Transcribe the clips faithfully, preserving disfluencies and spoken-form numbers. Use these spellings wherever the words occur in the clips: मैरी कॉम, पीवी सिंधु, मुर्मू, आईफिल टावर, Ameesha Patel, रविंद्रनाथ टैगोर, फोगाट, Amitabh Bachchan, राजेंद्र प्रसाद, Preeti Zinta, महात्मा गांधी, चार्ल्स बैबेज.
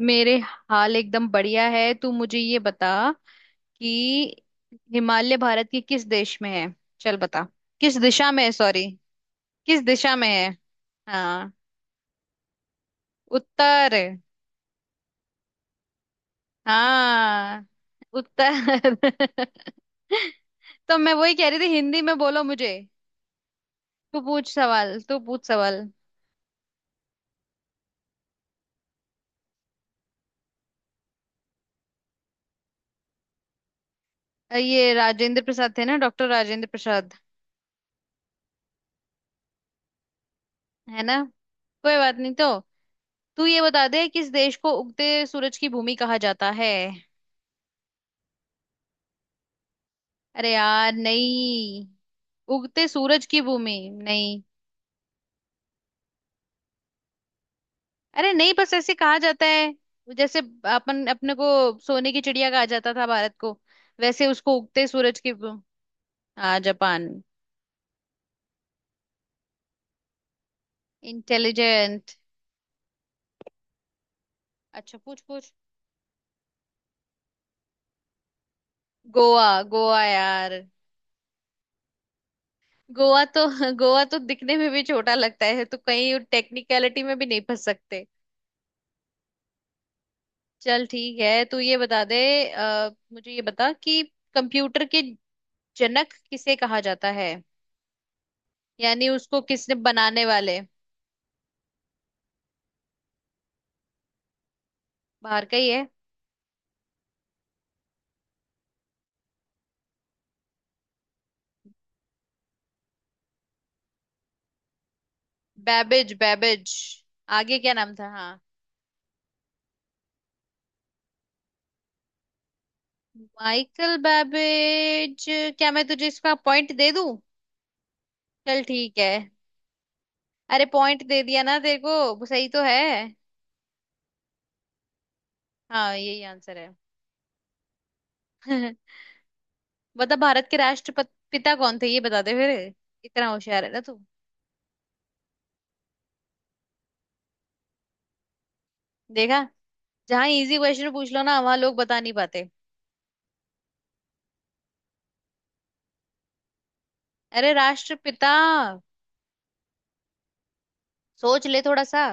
मेरे हाल एकदम बढ़िया है। तू मुझे ये बता कि हिमालय भारत के किस देश में है। चल बता किस दिशा में है, सॉरी किस दिशा में है। हाँ, उत्तर। हाँ, उत्तर तो मैं वही कह रही थी, हिंदी में बोलो मुझे। तू पूछ सवाल, तू पूछ सवाल। अ, ये राजेंद्र प्रसाद थे ना, डॉक्टर राजेंद्र प्रसाद। है ना। कोई बात नहीं तो। तू ये बता दे, किस देश को उगते सूरज की भूमि कहा जाता है। अरे यार नहीं। उगते सूरज की भूमि। नहीं। अरे नहीं, बस ऐसे कहा जाता है। जैसे अपन अपने को सोने की चिड़िया कहा जाता था भारत को, वैसे उसको उगते सूरज की भूमि। हाँ, जापान। इंटेलिजेंट। अच्छा पूछ पूछ। गोवा गोवा यार। गोवा तो गोवा तो दिखने में भी छोटा लगता है, तो कहीं टेक्निकलिटी में भी नहीं फंस सकते। चल ठीक है, तू ये बता दे। अ, मुझे ये बता कि कंप्यूटर के जनक किसे कहा जाता है, यानी उसको किसने बनाने वाले। बाहर का ही है। बैबेज बैबेज, आगे क्या नाम था। हाँ, माइकल बैबेज। क्या मैं तुझे इसका पॉइंट दे दूं। चल ठीक है। अरे पॉइंट दे दिया ना तेरे को, वो सही तो है। हाँ यही आंसर है। बता भारत के राष्ट्रपिता कौन थे, ये बता दे फिर। इतना होशियार है ना तू। देखा, जहाँ इजी क्वेश्चन पूछ लो ना वहां लोग बता नहीं पाते। अरे राष्ट्रपिता, सोच ले थोड़ा सा।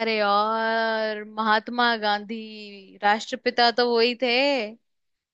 अरे यार महात्मा गांधी, राष्ट्रपिता तो वही थे।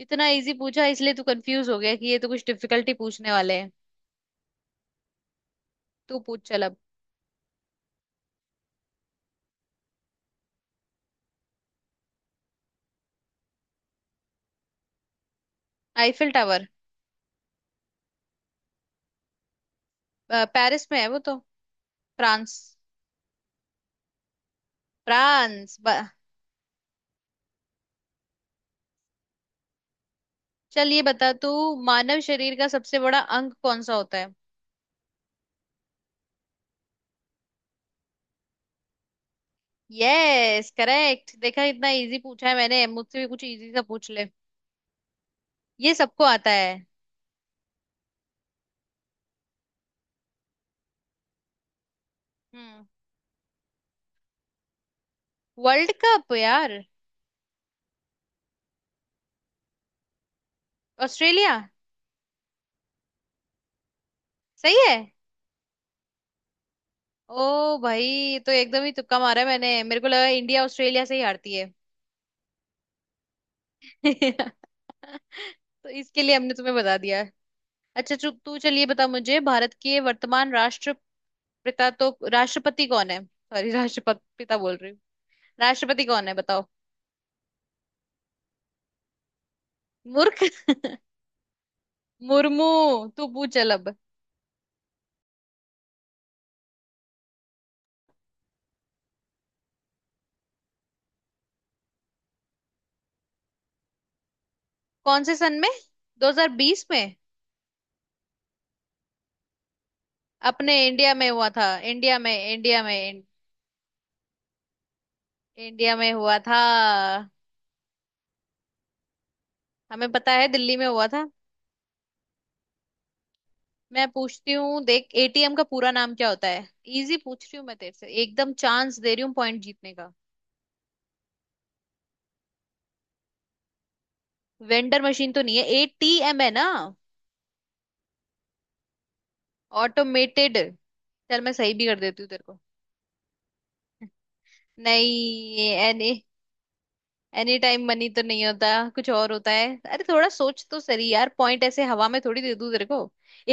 इतना इजी पूछा इसलिए तू कंफ्यूज हो गया कि ये तो कुछ डिफिकल्टी पूछने वाले हैं। तू पूछ चल अब। आईफिल टावर। अ, पेरिस में है वो तो। फ्रांस। फ्रांस ब- चल ये बता तू, मानव शरीर का सबसे बड़ा अंग कौन सा होता है। यस करेक्ट, देखा इतना इजी पूछा है मैंने, मुझसे भी कुछ इजी सा पूछ ले। ये सबको आता है। हम्म, वर्ल्ड कप यार। ऑस्ट्रेलिया। सही है। ओ भाई, ये तो एकदम ही तुक्का मारा है मैंने, मेरे को लगा इंडिया ऑस्ट्रेलिया से ही हारती है। तो इसके लिए हमने तुम्हें बता दिया। अच्छा चुप तू, चलिए बता मुझे भारत के वर्तमान राष्ट्रपिता, तो राष्ट्रपति कौन है, सॉरी राष्ट्रपिता बोल रही हूँ। राष्ट्रपति कौन है बताओ। मूर्ख मुर्मू। तू पूछ चल अब। कौन से सन में, दो हज़ार बीस में। अपने इंडिया में हुआ था, इंडिया में, इंडिया में, इंडिया में हुआ था। हमें पता है दिल्ली में हुआ था। मैं पूछती हूँ देख, एटीएम का पूरा नाम क्या होता है। इजी पूछ रही हूँ मैं तेरे से, एकदम चांस दे रही हूँ पॉइंट जीतने का। वेंडर मशीन तो नहीं है, एटीएम है ना। ऑटोमेटेड। चल मैं सही भी कर देती हूँ तेरे को। नहीं, एनी। एनी टाइम मनी तो नहीं होता, कुछ और होता है। अरे थोड़ा सोच तो सही यार, पॉइंट ऐसे हवा में थोड़ी दे दूँ तेरे को।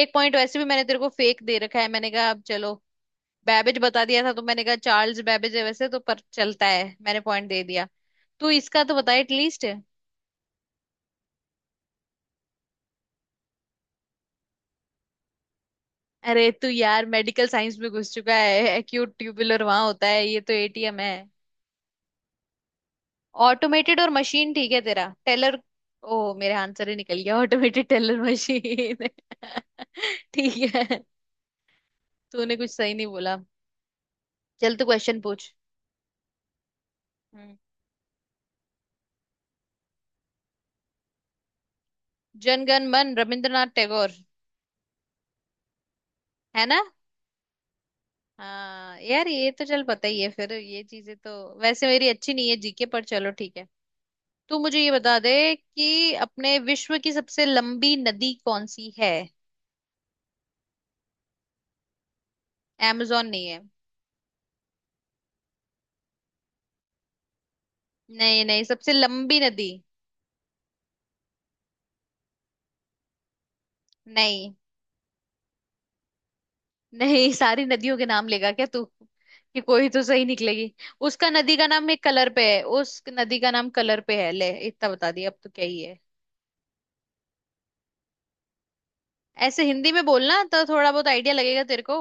एक पॉइंट वैसे भी मैंने तेरे को फेक दे रखा है, मैंने कहा अब चलो बैबेज बता दिया था तो मैंने कहा, चार्ल्स बैबेज है वैसे तो पर चलता है, मैंने पॉइंट दे दिया। तू इसका तो बता एटलीस्ट। अरे तू यार मेडिकल साइंस में घुस चुका है, एक्यूट ट्यूबुलर वहां होता है, ये तो एटीएम है। ऑटोमेटेड और मशीन, ठीक है तेरा टेलर। ओ मेरे आंसर ही निकल गया, ऑटोमेटेड टेलर मशीन। ठीक है। तूने कुछ सही नहीं बोला। चल तू क्वेश्चन पूछ। हम्म, जनगण मन रविंद्रनाथ टैगोर। है ना। हाँ यार ये तो चल पता ही है, फिर ये चीजें तो वैसे मेरी अच्छी नहीं है जीके पर। चलो ठीक है, तू मुझे ये बता दे कि अपने विश्व की सबसे लंबी नदी कौन सी है। amazon नहीं है। नहीं नहीं, सबसे लंबी नदी। नहीं। नहीं सारी नदियों के नाम लेगा क्या तू, कि कोई तो सही निकलेगी। उसका नदी का नाम एक कलर पे है, उस नदी का नाम कलर पे है, ले इतना बता दिया अब तो क्या ही है। ऐसे हिंदी में बोलना तो थोड़ा बहुत आइडिया लगेगा तेरे को।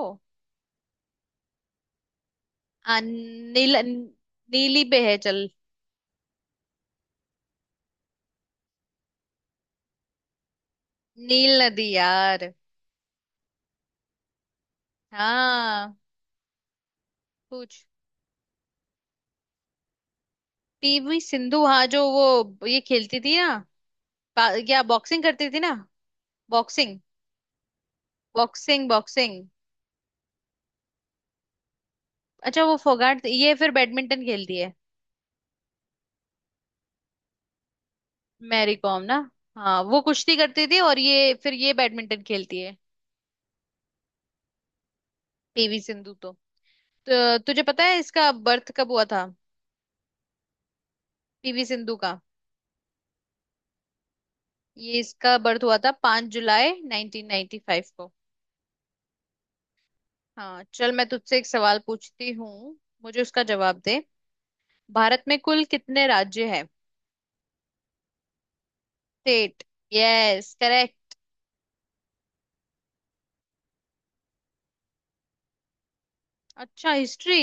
आ, नील। नीली पे है चल। नील नदी यार। हाँ पूछ। पीवी सिंधु हाँ, जो वो ये खेलती थी ना, पा- क्या बॉक्सिंग करती थी ना। Boxing, boxing, boxing. अच्छा वो फोगाट, ये फिर बैडमिंटन खेलती है। मैरी कॉम ना। हाँ वो कुश्ती करती थी और ये फिर ये बैडमिंटन खेलती है। पीवी सिंधु तो, तो तुझे पता है इसका बर्थ कब हुआ था। पीवी सिंधु का। ये इसका बर्थ हुआ था पाँच जुलाई नाइनटीन नाइंटी फ़ाइव को। हाँ चल मैं तुझसे एक सवाल पूछती हूँ, मुझे उसका जवाब दे। भारत में कुल कितने राज्य हैं। State, yes correct. अच्छा हिस्ट्री।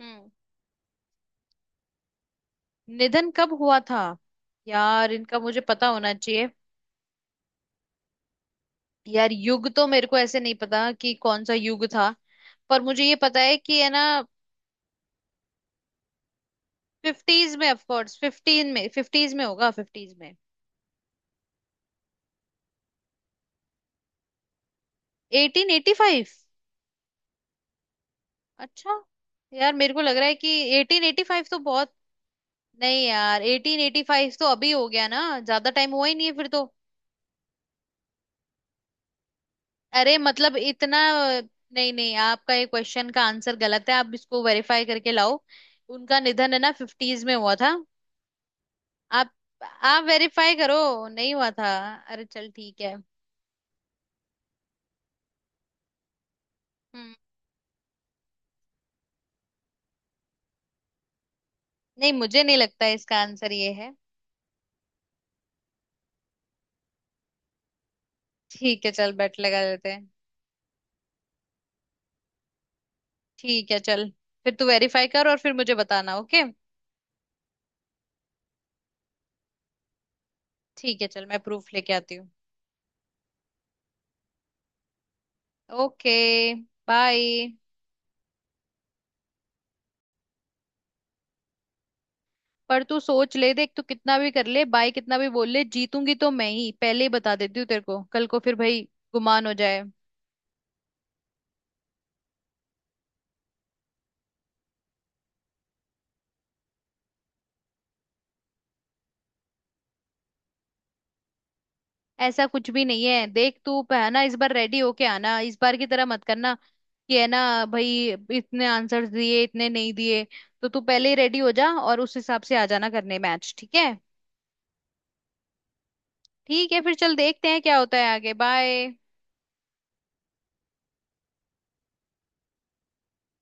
हम्म, निधन कब हुआ था। यार इनका मुझे पता होना चाहिए। यार युग तो मेरे को ऐसे नहीं पता कि कौन सा युग था, पर मुझे ये पता है कि है ना। फिफ्टीज में, ऑफ कोर्स फिफ्टीन में, फिफ्टीज में होगा, फिफ्टीज में। Eighteen eighty five. अच्छा। यार मेरे को लग रहा है कि एटीन एटी फाइव तो बहुत। नहीं यार, एटीन एटी फाइव तो अभी हो गया ना, ज्यादा टाइम हुआ ही नहीं है फिर तो। अरे मतलब इतना। नहीं नहीं, आपका ये क्वेश्चन का आंसर गलत है, आप इसको वेरीफाई करके लाओ। उनका निधन है ना फिफ्टीज में हुआ था। आप। आप वेरीफाई करो। नहीं हुआ था। अरे चल ठीक है। हम्म, नहीं मुझे नहीं लगता इसका आंसर ये है। ठीक है चल बेट लगा लेते हैं। ठीक है चल, फिर तू वेरीफाई कर और फिर मुझे बताना, ओके। ठीक है चल, मैं प्रूफ लेके आती हूँ। Okay, bye. पर तू सोच ले देख, तू कितना भी कर ले बाय, कितना भी बोल ले, जीतूंगी तो मैं ही, पहले ही बता देती हूँ तेरे को, कल को फिर भाई गुमान हो जाए। ऐसा कुछ भी नहीं है देख, तू प- है ना इस बार रेडी होके आना, इस बार की तरह मत करना कि है ना भाई इतने आंसर्स दिए इतने नहीं दिए। तो तू पहले ही रेडी हो जा और उस हिसाब से आ जाना करने मैच, ठीक है। ठीक है फिर चल देखते हैं क्या होता है आगे, बाय।